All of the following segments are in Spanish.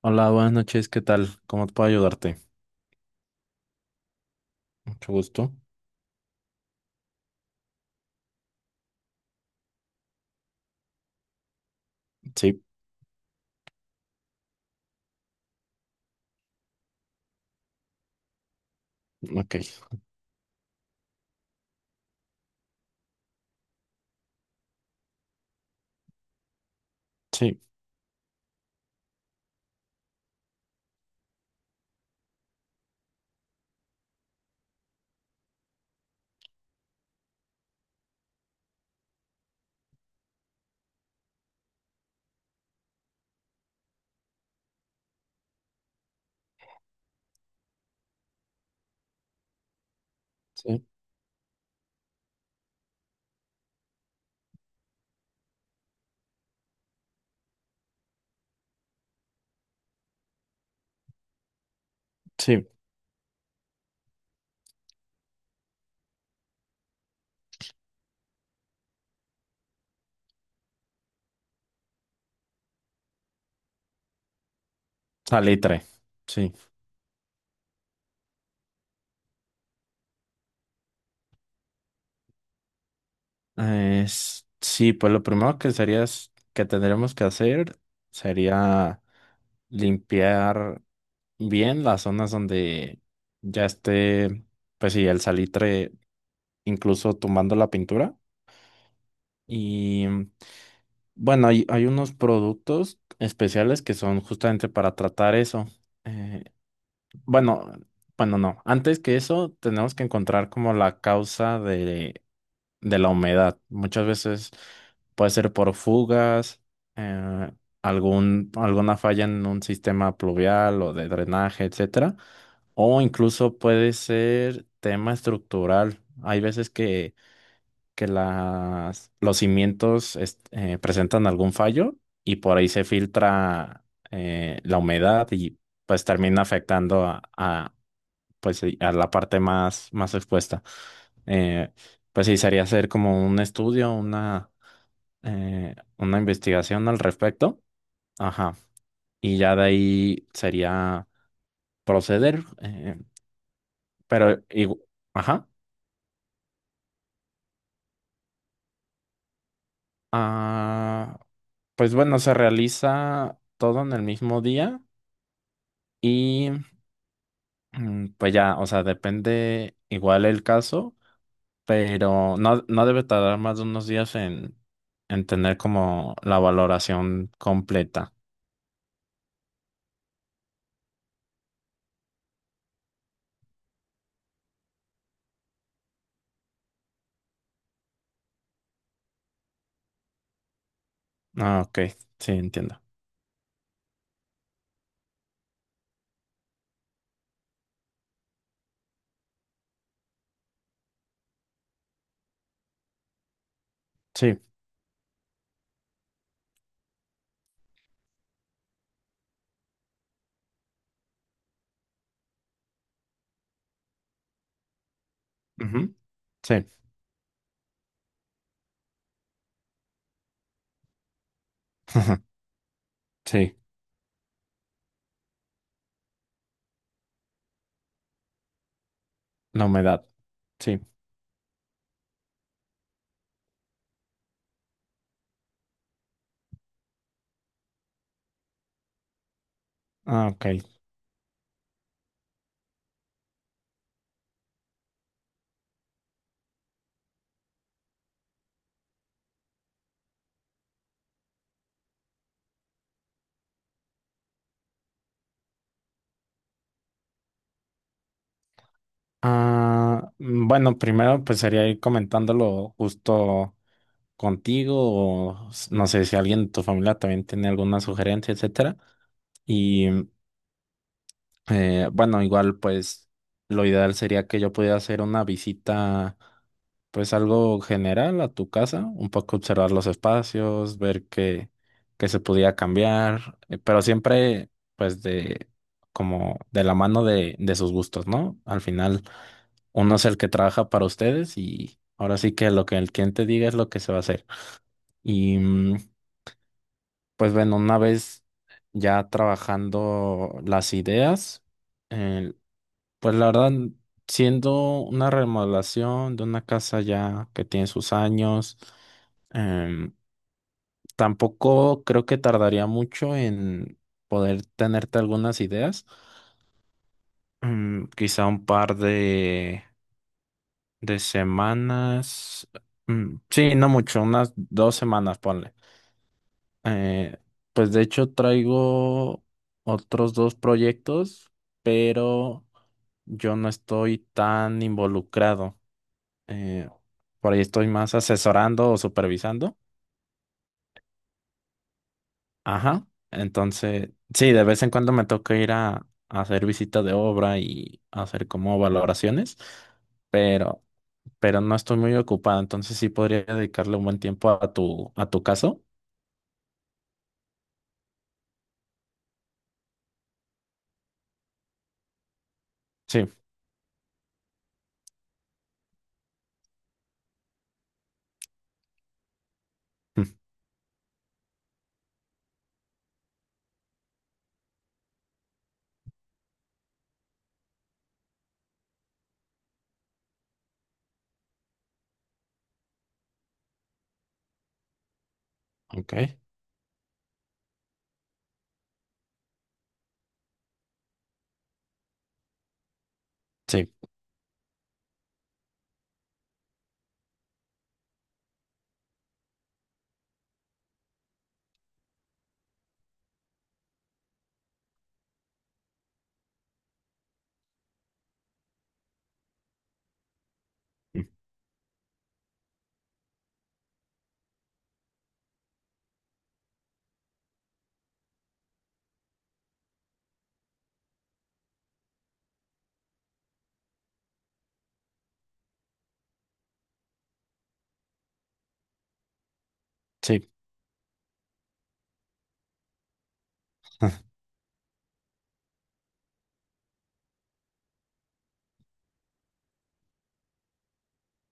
Hola, buenas noches, ¿qué tal? ¿Cómo puedo ayudarte? Mucho gusto. Sí, ok. Sí, sí, sí. Salitre. Sí. Pues lo primero que sería que tendríamos que hacer sería limpiar bien las zonas donde ya esté, pues sí, el salitre, incluso tumbando la pintura. Y bueno, hay unos productos especiales que son justamente para tratar eso. Eh, Bueno, bueno, no. Antes que eso, tenemos que encontrar como la causa de la humedad. Muchas veces puede ser por fugas, eh, alguna falla en un sistema pluvial o de drenaje, etcétera. O incluso puede ser tema estructural. Hay veces que los cimientos presentan algún fallo y por ahí se filtra la humedad y pues termina afectando pues sí, a la parte más, más expuesta. Eh, pues sí, sería hacer como un estudio, una investigación al respecto. Ajá. Y ya de ahí sería proceder. Pero, igu- ajá. Ah, pues bueno, se realiza todo en el mismo día y pues ya, o sea, depende igual el caso. Pero no debe tardar más de unos días en tener como la valoración completa. Ah, ok, sí, entiendo. Sí, ujú, sí, sí, la humedad, sí, ah, ok. Ah, bueno, primero pues sería ir comentándolo justo contigo no sé si alguien de tu familia también tiene alguna sugerencia, etcétera. Y bueno, igual pues lo ideal sería que yo pudiera hacer una visita, pues algo general a tu casa, un poco observar los espacios, ver qué se podía cambiar, pero siempre pues de como de la mano de sus gustos, ¿no? Al final uno es el que trabaja para ustedes y ahora sí que lo que el cliente diga es lo que se va a hacer. Y pues bueno, una vez ya trabajando las ideas, eh, pues la verdad, siendo una remodelación de una casa ya que tiene sus años, em, tampoco creo que tardaría mucho en poder tenerte algunas ideas. Mm, quizá un par de semanas. Mm, sí, no mucho, unas dos semanas, ponle. Eh, pues de hecho traigo otros dos proyectos, pero yo no estoy tan involucrado. eh, por ahí estoy más asesorando o supervisando. Ajá. Entonces, sí, de vez en cuando me toca ir a hacer visitas de obra y hacer como valoraciones, pero, pero no estoy muy ocupada, entonces sí podría dedicarle un buen tiempo a tu caso. Sí. Mm, Ok. Sí, sí.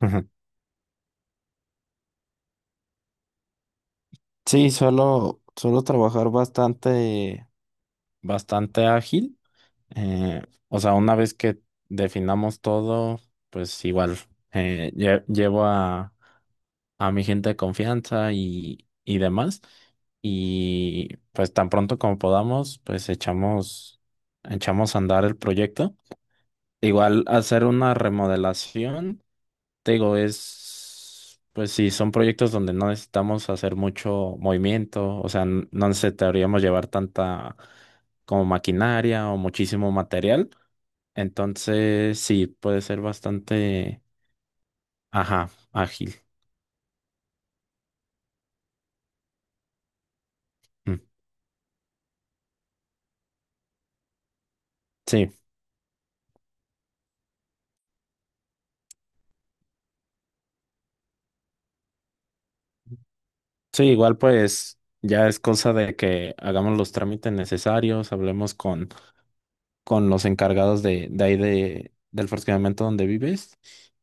Sí, suelo trabajar bastante ágil. Eh, o sea, una vez que definamos todo, pues igual llevo a mi gente de confianza y demás. Y pues tan pronto como podamos, echamos a andar el proyecto. Igual hacer una remodelación, te digo, es, pues sí, son proyectos donde no necesitamos hacer mucho movimiento, o sea, no necesitaríamos llevar tanta como maquinaria o muchísimo material. Entonces, sí, puede ser bastante, ajá, ágil. Mm, sí, sí, igual pues ya es cosa de que hagamos los trámites necesarios, hablemos con los encargados de ahí del fraccionamiento donde vives.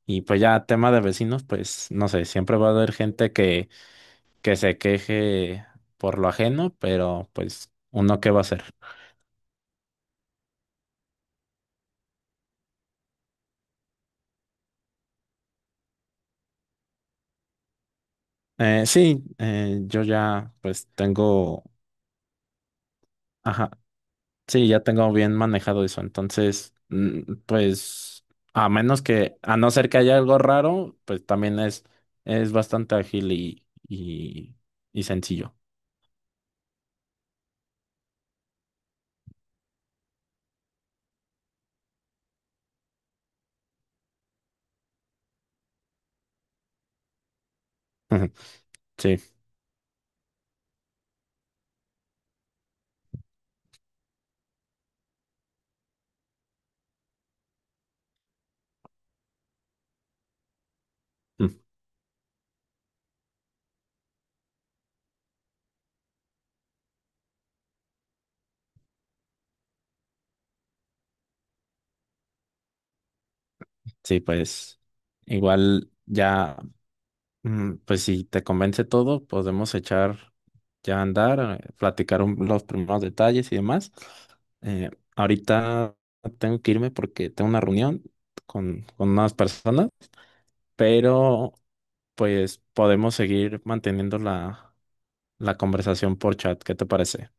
Y pues ya, tema de vecinos, pues no sé, siempre va a haber gente que se queje por lo ajeno, pero pues uno qué va a hacer. Sí, yo ya pues tengo... Ajá. Sí, ya tengo bien manejado eso. Entonces, pues, a menos a no ser que haya algo raro, pues también es bastante ágil y sencillo. Sí, mm, sí, pues igual ya. Mm, pues si te convence todo, podemos echar ya a andar, platicar los primeros detalles y demás. Eh, ahorita tengo que irme porque tengo una reunión con unas personas, pero pues podemos seguir manteniendo la conversación por chat. ¿Qué te parece?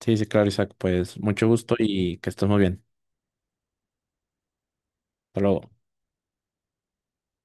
Sí, sí, claro, Isaac. Pues mucho gusto y que estés muy bien. Hasta luego.